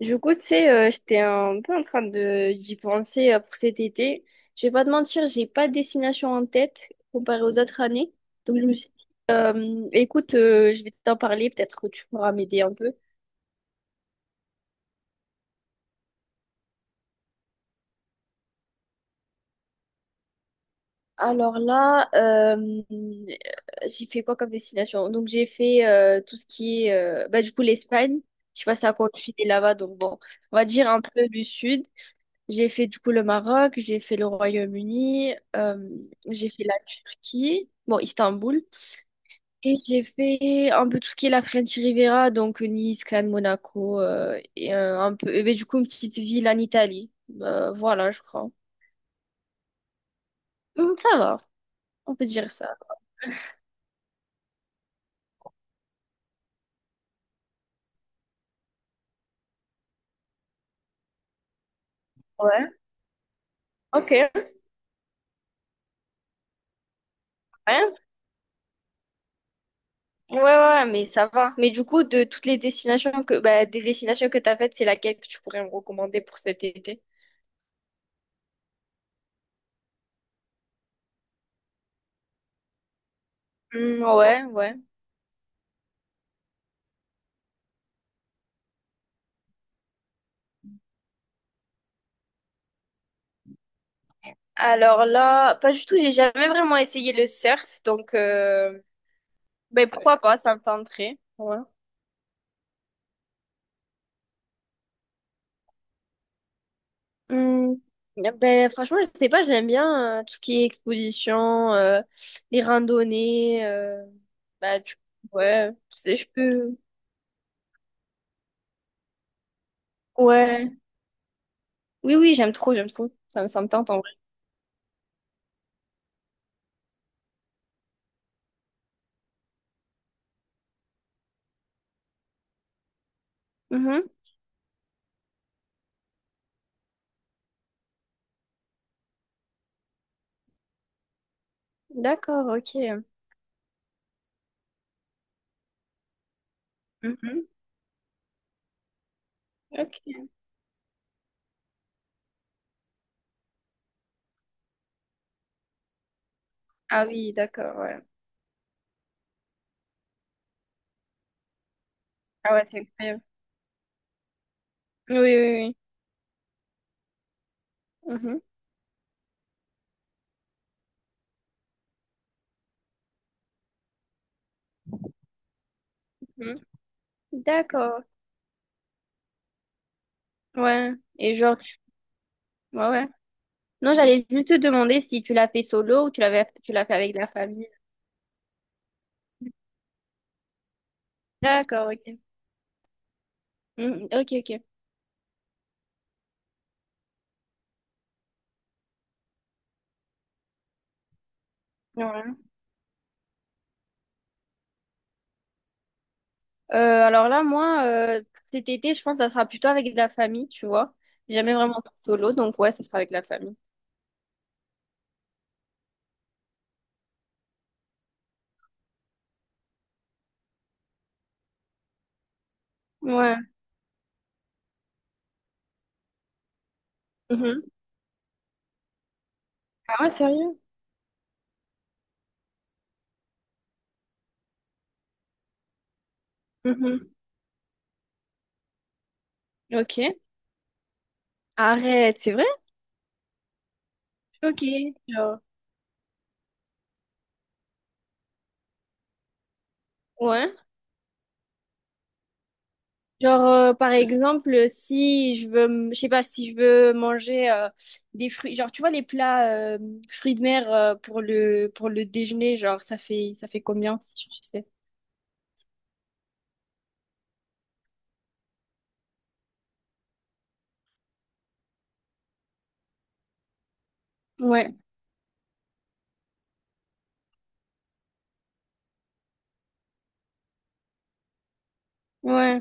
Du coup, tu sais, j'étais un peu en train de d'y penser pour cet été. Je vais pas te mentir, j'ai pas de destination en tête comparée aux autres années. Donc je me suis dit, écoute, je vais t'en parler, peut-être que tu pourras m'aider un peu. Alors là, euh, j'ai fait quoi comme destination? Donc j'ai fait tout ce qui est, bah du coup l'Espagne. Je sais pas c'est à quoi tu es là-bas, donc bon, on va dire un peu du sud. J'ai fait du coup le Maroc, j'ai fait le Royaume-Uni, j'ai fait la Turquie, bon, Istanbul, et j'ai fait un peu tout ce qui est la French Riviera, donc Nice, Cannes, Monaco, et un peu, et ben, du coup, une petite ville en Italie. Voilà, je crois. Ça va, on peut dire ça. Ouais, ok, ouais. Ouais, ouais, mais ça va. Mais du coup, de toutes les destinations que, bah, des destinations que tu as faites, c'est laquelle que tu pourrais me recommander pour cet été? Ouais, ouais. Alors là, pas du tout, j'ai jamais vraiment essayé le surf, donc ben pourquoi pas, ça me tenterait. Ouais. Hmm, ben franchement, je sais pas, j'aime bien tout ce qui est exposition, les randonnées, bah du coup, ouais, tu sais, je peux. Ouais. Oui, oui, j'aime trop, j'aime trop. Ça me tente en vrai. Mhm. D'accord, ok. Mhm. Ok. Ah oui, d'accord, ouais. Ah ouais, c'est incroyable. Oui, oui, oui. Mhm. Mhm. D'accord. Ouais. Et genre, tu... ouais, ouais. Non, j'allais juste te demander si tu l'as fait solo ou tu l'as fait avec la famille. D'accord, ok. Mhm, ok, ok. Ouais. Euh, alors là, moi, cet été, je pense que ça sera plutôt avec la famille, tu vois. J'ai jamais vraiment fait solo, donc ouais, ça sera avec la famille. Ouais. Mhm. Ah ouais, sérieux? Mhm. Ok. Arrête, c'est vrai? Ok. Genre. Ouais. Genre, par exemple, si je veux, je sais pas, si je veux manger des fruits, genre, tu vois, les plats fruits de mer pour le déjeuner, genre, ça fait combien, si tu sais? Ouais, ouais.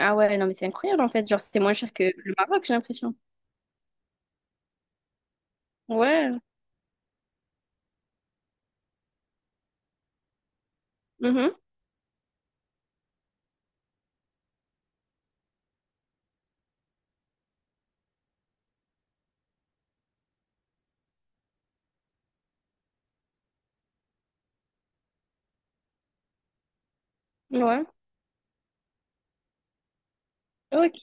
Ah ouais, non, mais c'est incroyable, en fait. Genre, c'est moins cher que le Maroc, j'ai l'impression. Ouais. Mhm. Ouais. Ok.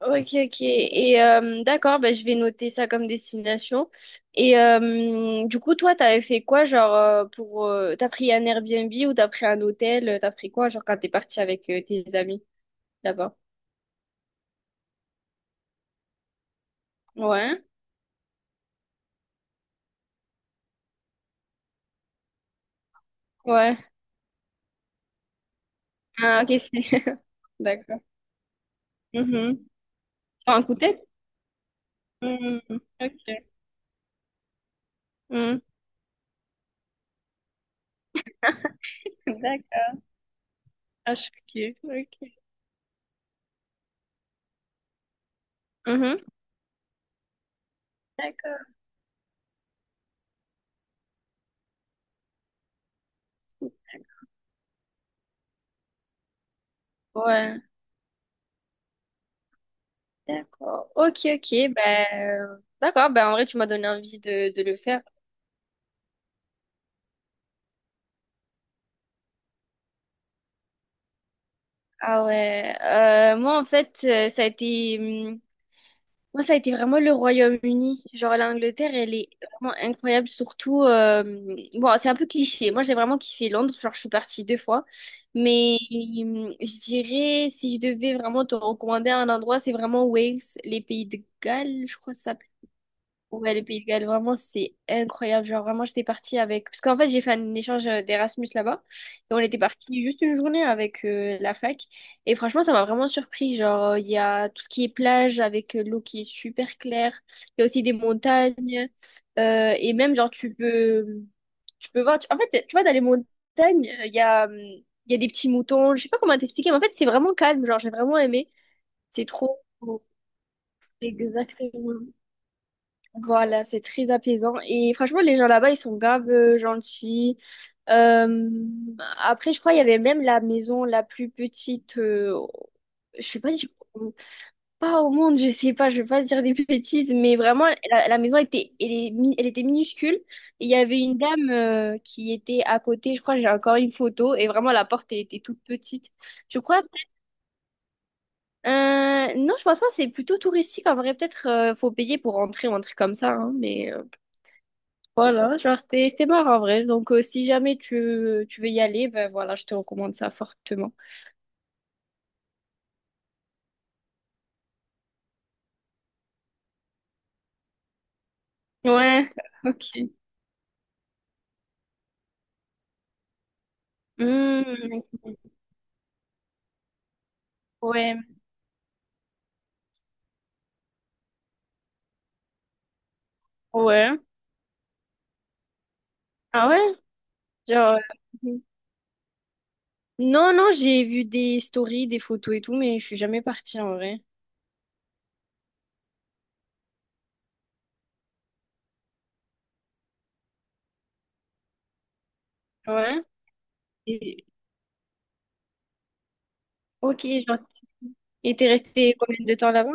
Ok, ok. Et d'accord, bah, je vais noter ça comme destination. Et du coup, toi, t'avais fait quoi, genre, pour... t'as pris un Airbnb ou t'as pris un hôtel? T'as pris quoi, genre, quand t'es parti avec tes amis là-bas? Ouais, ouais. Ah, ok, c'est... D'accord. Mhm. Sur un coup de tête? Mhm. Ok. Mhm. D'accord. Ah, je suis ok. Ok. Mhm. D'accord. Ouais. D'accord. Ok, ok. Ben, d'accord. Ben, en vrai, tu m'as donné envie de le faire. Ah ouais, moi en fait, ça a été, hum, moi ça a été vraiment le Royaume-Uni. Genre l'Angleterre, elle est vraiment incroyable, surtout, bon, c'est un peu cliché. Moi j'ai vraiment kiffé Londres, genre je suis partie deux fois, mais je dirais si je devais vraiment te recommander un endroit, c'est vraiment Wales, les pays de Galles, je crois ça. Ouais, le Pays de Galles, vraiment, c'est incroyable. Genre, vraiment, j'étais partie avec... Parce qu'en fait, j'ai fait un échange d'Erasmus là-bas. Et on était parti juste une journée avec la fac. Et franchement, ça m'a vraiment surpris. Genre, il y a tout ce qui est plage avec l'eau qui est super claire. Il y a aussi des montagnes. Et même, genre, tu peux... En fait, tu vois, dans les montagnes, il y a des petits moutons. Je sais pas comment t'expliquer, mais en fait, c'est vraiment calme. Genre, j'ai vraiment aimé. C'est trop... Exactement. Voilà, c'est très apaisant. Et franchement, les gens là-bas, ils sont grave gentils. Euh, Après, je crois qu'il y avait même la maison la plus petite. Je sais pas si pas au monde, je sais pas, je vais pas dire des bêtises, mais vraiment, la maison était, elle était minuscule. Et il y avait une dame qui était à côté. Je crois j'ai encore une photo. Et vraiment, la porte, elle était toute petite. Je crois. Non, je pense pas. C'est plutôt touristique en vrai. Peut-être faut payer pour rentrer ou un truc comme ça, hein, mais. Voilà, genre c'était marrant en vrai. Donc si jamais tu, tu veux y aller, ben voilà, je te recommande ça fortement. Ouais, ok. Hmm, ok. Ouais, ouais. Ah ouais? Genre euh, non, non, j'ai vu des stories, des photos et tout, mais je suis jamais partie en vrai. Ouais. Et- ok, genre et t'es resté combien de temps là-bas?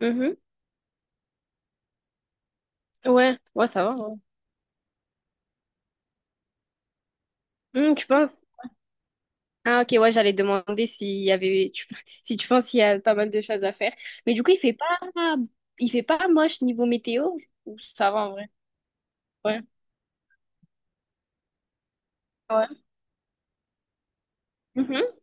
Mhm. Ouais, ouais, ça va, ouais. Hmm, tu penses? Ah ok, ouais, j'allais demander s'il y avait, si tu penses qu'il y a pas mal de choses à faire. Mais du coup, il fait pas moche niveau météo, ou ça va en vrai. Ouais. Ouais. Mhm.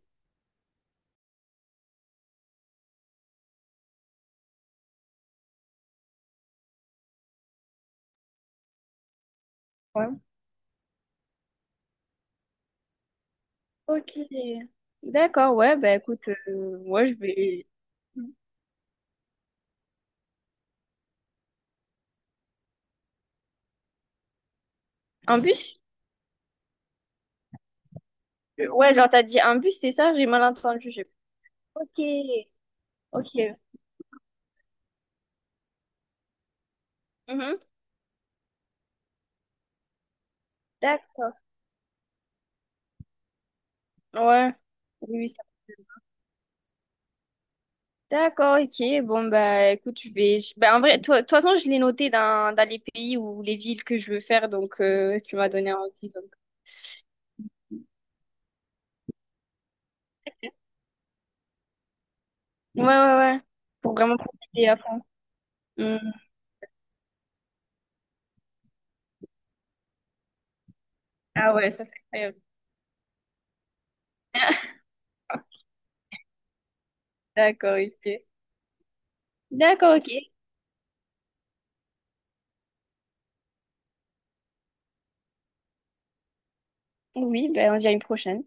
Ouais. Ok. D'accord, ouais, bah écoute, ouais, je vais... Un bus? Ouais, genre t'as dit un bus, c'est ça? J'ai mal entendu. Ok, ok. Mhm. D'accord, ouais. Oui, oui, d'accord, ok. Bon, bah écoute, bah, en vrai, de toute façon, je l'ai noté dans, dans les pays ou les villes que je veux faire, donc tu m'as donné envie. Donc. Ouais, ouais, ouais. Pour vraiment profiter à fond. Hmm. Ah ouais, ça c'est incroyable. D'accord, ok. D'accord, ok. Oui, ben on se dit à une prochaine.